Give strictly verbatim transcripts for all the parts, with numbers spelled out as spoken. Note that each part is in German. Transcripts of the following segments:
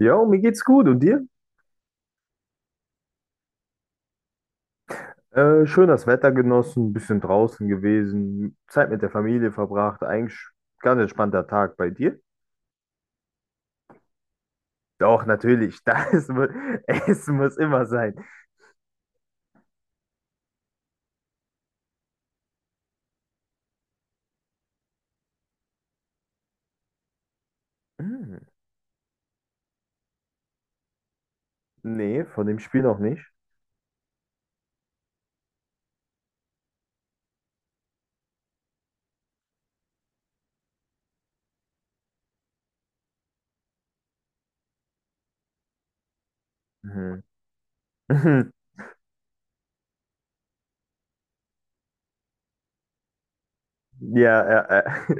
Ja, mir geht's gut. Und dir? Äh, schön das Wetter genossen, bisschen draußen gewesen, Zeit mit der Familie verbracht. Eigentlich ganz entspannter Tag bei dir. Doch, natürlich. Das, mu- Essen muss immer sein. Hm, nee, von dem Spiel noch nicht. Mhm. Ja, äh, äh.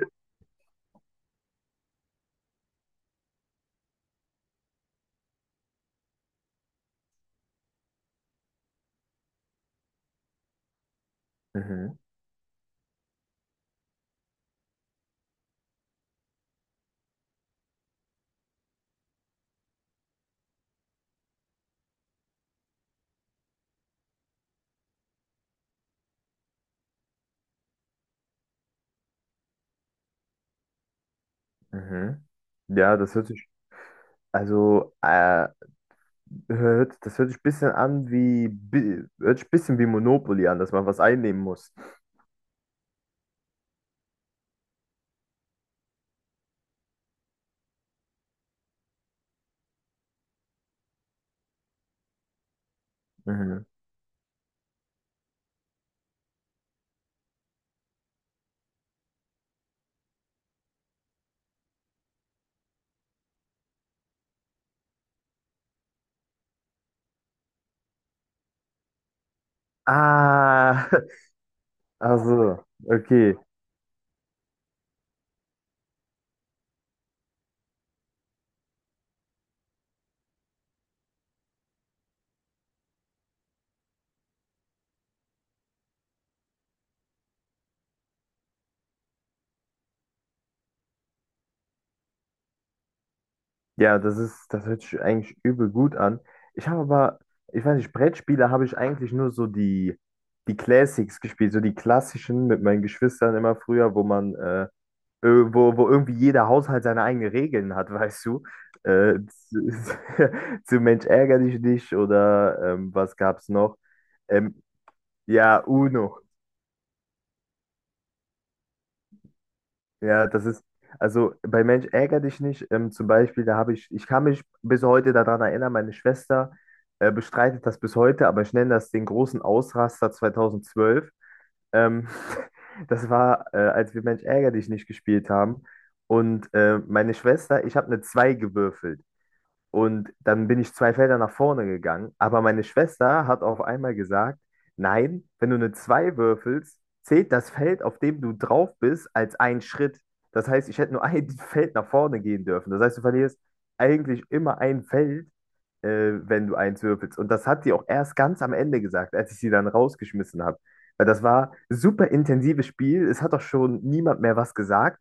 Mhm, mhm. Ja, das hört sich, also, äh, hört, das hört sich ein bisschen an wie, bi- hört sich ein bisschen wie Monopoly an, dass man was einnehmen muss. Mhm. Ah, also, okay. Ja, das ist, das hört sich eigentlich übel gut an. Ich habe aber, Ich weiß nicht, Brettspiele habe ich eigentlich nur so die, die Classics gespielt, so die klassischen mit meinen Geschwistern immer früher, wo man, äh, äh, wo, wo irgendwie jeder Haushalt seine eigenen Regeln hat, weißt du? Äh, zu, zu Mensch ärgere dich nicht oder ähm, was gab's noch? Ähm, ja, Uno. Ja, das ist, also bei Mensch ärgere dich nicht. Ähm, zum Beispiel, da habe ich, ich kann mich bis heute daran erinnern, meine Schwester äh, bestreitet das bis heute, aber ich nenne das den großen Ausraster zweitausendzwölf. Ähm, das war, äh, als wir Mensch ärgere dich nicht gespielt haben. Und äh, meine Schwester, ich habe eine zwei gewürfelt. Und dann bin ich zwei Felder nach vorne gegangen. Aber meine Schwester hat auf einmal gesagt, nein, wenn du eine zwei würfelst, zählt das Feld, auf dem du drauf bist, als ein Schritt. Das heißt, ich hätte nur ein Feld nach vorne gehen dürfen. Das heißt, du verlierst eigentlich immer ein Feld, äh, wenn du eins würfelst. Und das hat sie auch erst ganz am Ende gesagt, als ich sie dann rausgeschmissen habe. Weil das war super intensives Spiel. Es hat auch schon niemand mehr was gesagt,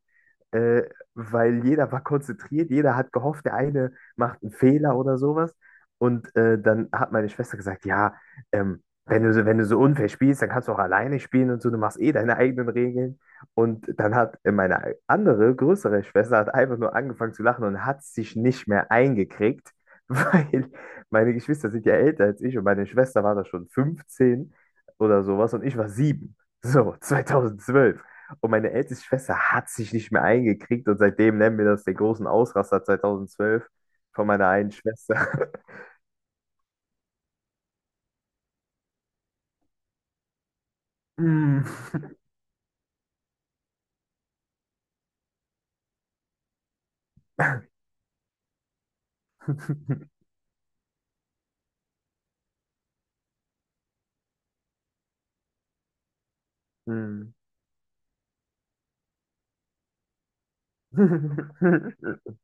äh, weil jeder war konzentriert, jeder hat gehofft, der eine macht einen Fehler oder sowas. Und äh, dann hat meine Schwester gesagt, ja, ähm, wenn du so, wenn du so unfair spielst, dann kannst du auch alleine spielen und so, du machst eh deine eigenen Regeln. Und dann hat äh, meine andere, größere Schwester hat einfach nur angefangen zu lachen und hat sich nicht mehr eingekriegt, weil meine Geschwister sind ja älter als ich und meine Schwester war da schon fünfzehn oder sowas und ich war sieben. So, zweitausendzwölf. Und meine älteste Schwester hat sich nicht mehr eingekriegt und seitdem nennen wir das den großen Ausraster zweitausendzwölf. Von meiner einen Schwester. Mm. Mm.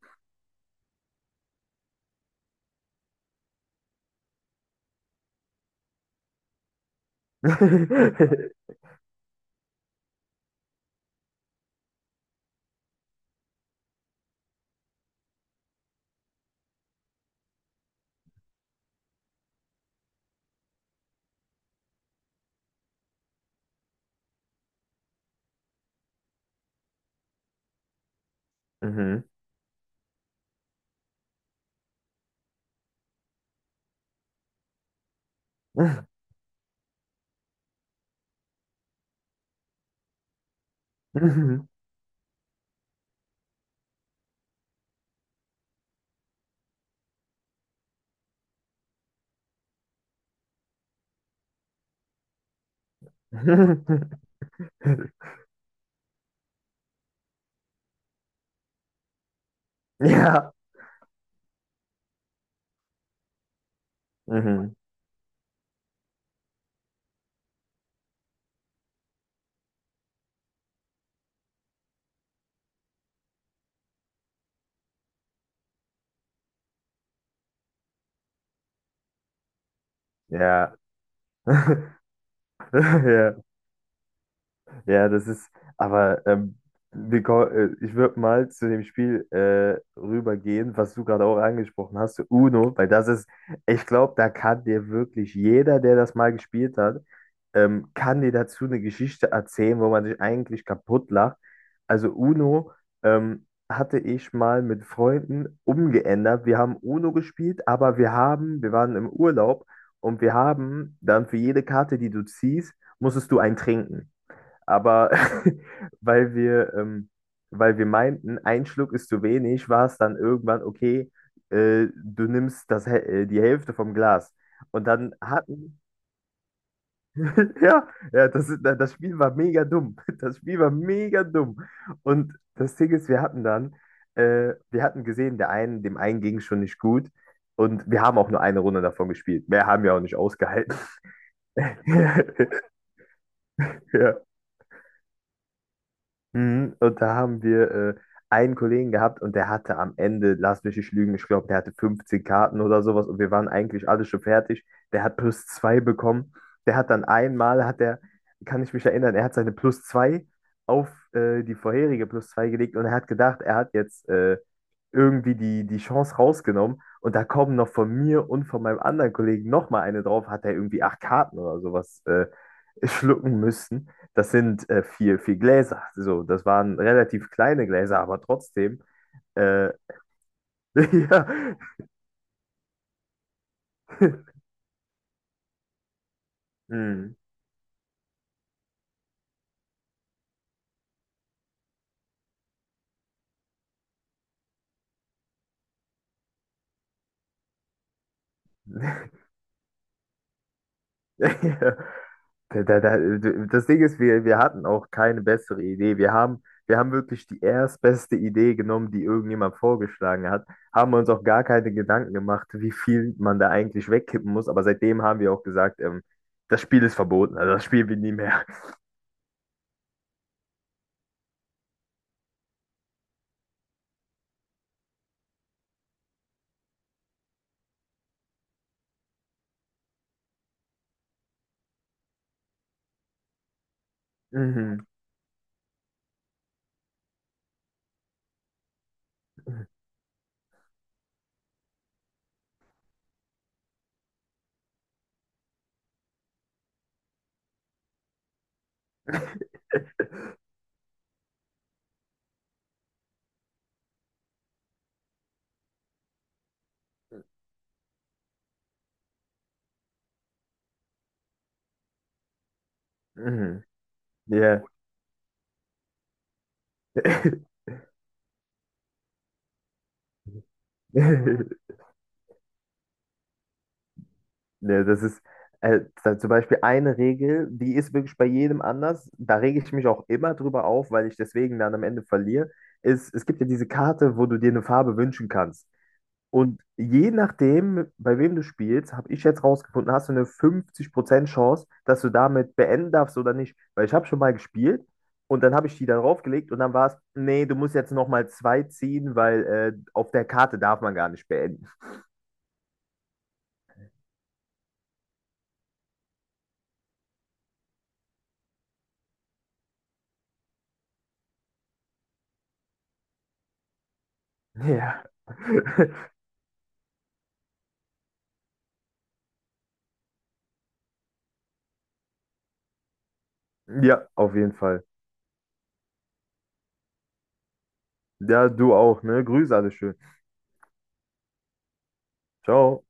Mhm. Mhm. Ja. Mhm. Ja. Ja. Ja, das ist, aber ähm, wir ko- äh, Ich würde mal zu dem Spiel äh, rübergehen, was du gerade auch angesprochen hast, Uno, weil das ist, ich glaube, da kann dir wirklich jeder, der das mal gespielt hat, ähm, kann dir dazu eine Geschichte erzählen, wo man sich eigentlich kaputt lacht. Also Uno ähm, hatte ich mal mit Freunden umgeändert. Wir haben Uno gespielt, aber wir haben, wir waren im Urlaub und wir haben dann für jede Karte, die du ziehst, musstest du einen trinken. Aber weil wir, ähm, weil wir meinten, ein Schluck ist zu wenig, war es dann irgendwann, okay, äh, du nimmst das, Hä- äh, die Hälfte vom Glas. Und dann hatten, ja, ja, das, ist- das Spiel war mega dumm. Das Spiel war mega dumm. Und das Ding ist, wir hatten dann, äh, wir hatten gesehen, der einen, dem einen ging schon nicht gut. Und wir haben auch nur eine Runde davon gespielt. Mehr haben wir auch nicht ausgehalten. Ja. Mhm. Und da haben wir äh, einen Kollegen gehabt und der hatte am Ende, lass mich nicht lügen, ich glaube, der hatte fünfzehn Karten oder sowas und wir waren eigentlich alle schon fertig. Der hat plus zwei bekommen. Der hat dann einmal, hat er, Kann ich mich erinnern, er hat seine plus zwei auf äh, die vorherige plus zwei gelegt und er hat gedacht, er hat jetzt äh, irgendwie die, die Chance rausgenommen. Und da kommen noch von mir und von meinem anderen Kollegen nochmal eine drauf, hat er irgendwie acht Karten oder sowas äh, schlucken müssen. Das sind äh, vier, vier Gläser. So, das waren relativ kleine Gläser, aber trotzdem. Äh, ja. Hm. Da, da, da, das Ding ist, wir, wir hatten auch keine bessere Idee. Wir haben, wir haben wirklich die erstbeste Idee genommen, die irgendjemand vorgeschlagen hat, haben uns auch gar keine Gedanken gemacht, wie viel man da eigentlich wegkippen muss. Aber seitdem haben wir auch gesagt, ähm, das Spiel ist verboten, also das spielen wir nie mehr. Mhm. Mhm. Ja. Ne, das ist äh, z- zum Beispiel eine Regel, die ist wirklich bei jedem anders. Da rege ich mich auch immer drüber auf, weil ich deswegen dann am Ende verliere. Ist, es gibt ja diese Karte, wo du dir eine Farbe wünschen kannst. Und je nachdem, bei wem du spielst, habe ich jetzt rausgefunden, hast du eine fünfzig Prozent Chance, dass du damit beenden darfst oder nicht. Weil ich habe schon mal gespielt und dann habe ich die da draufgelegt und dann war es, nee, du musst jetzt nochmal zwei ziehen, weil äh, auf der Karte darf man gar nicht beenden. Ja. Ja, auf jeden Fall. Ja, du auch, ne? Grüße alle schön. Ciao.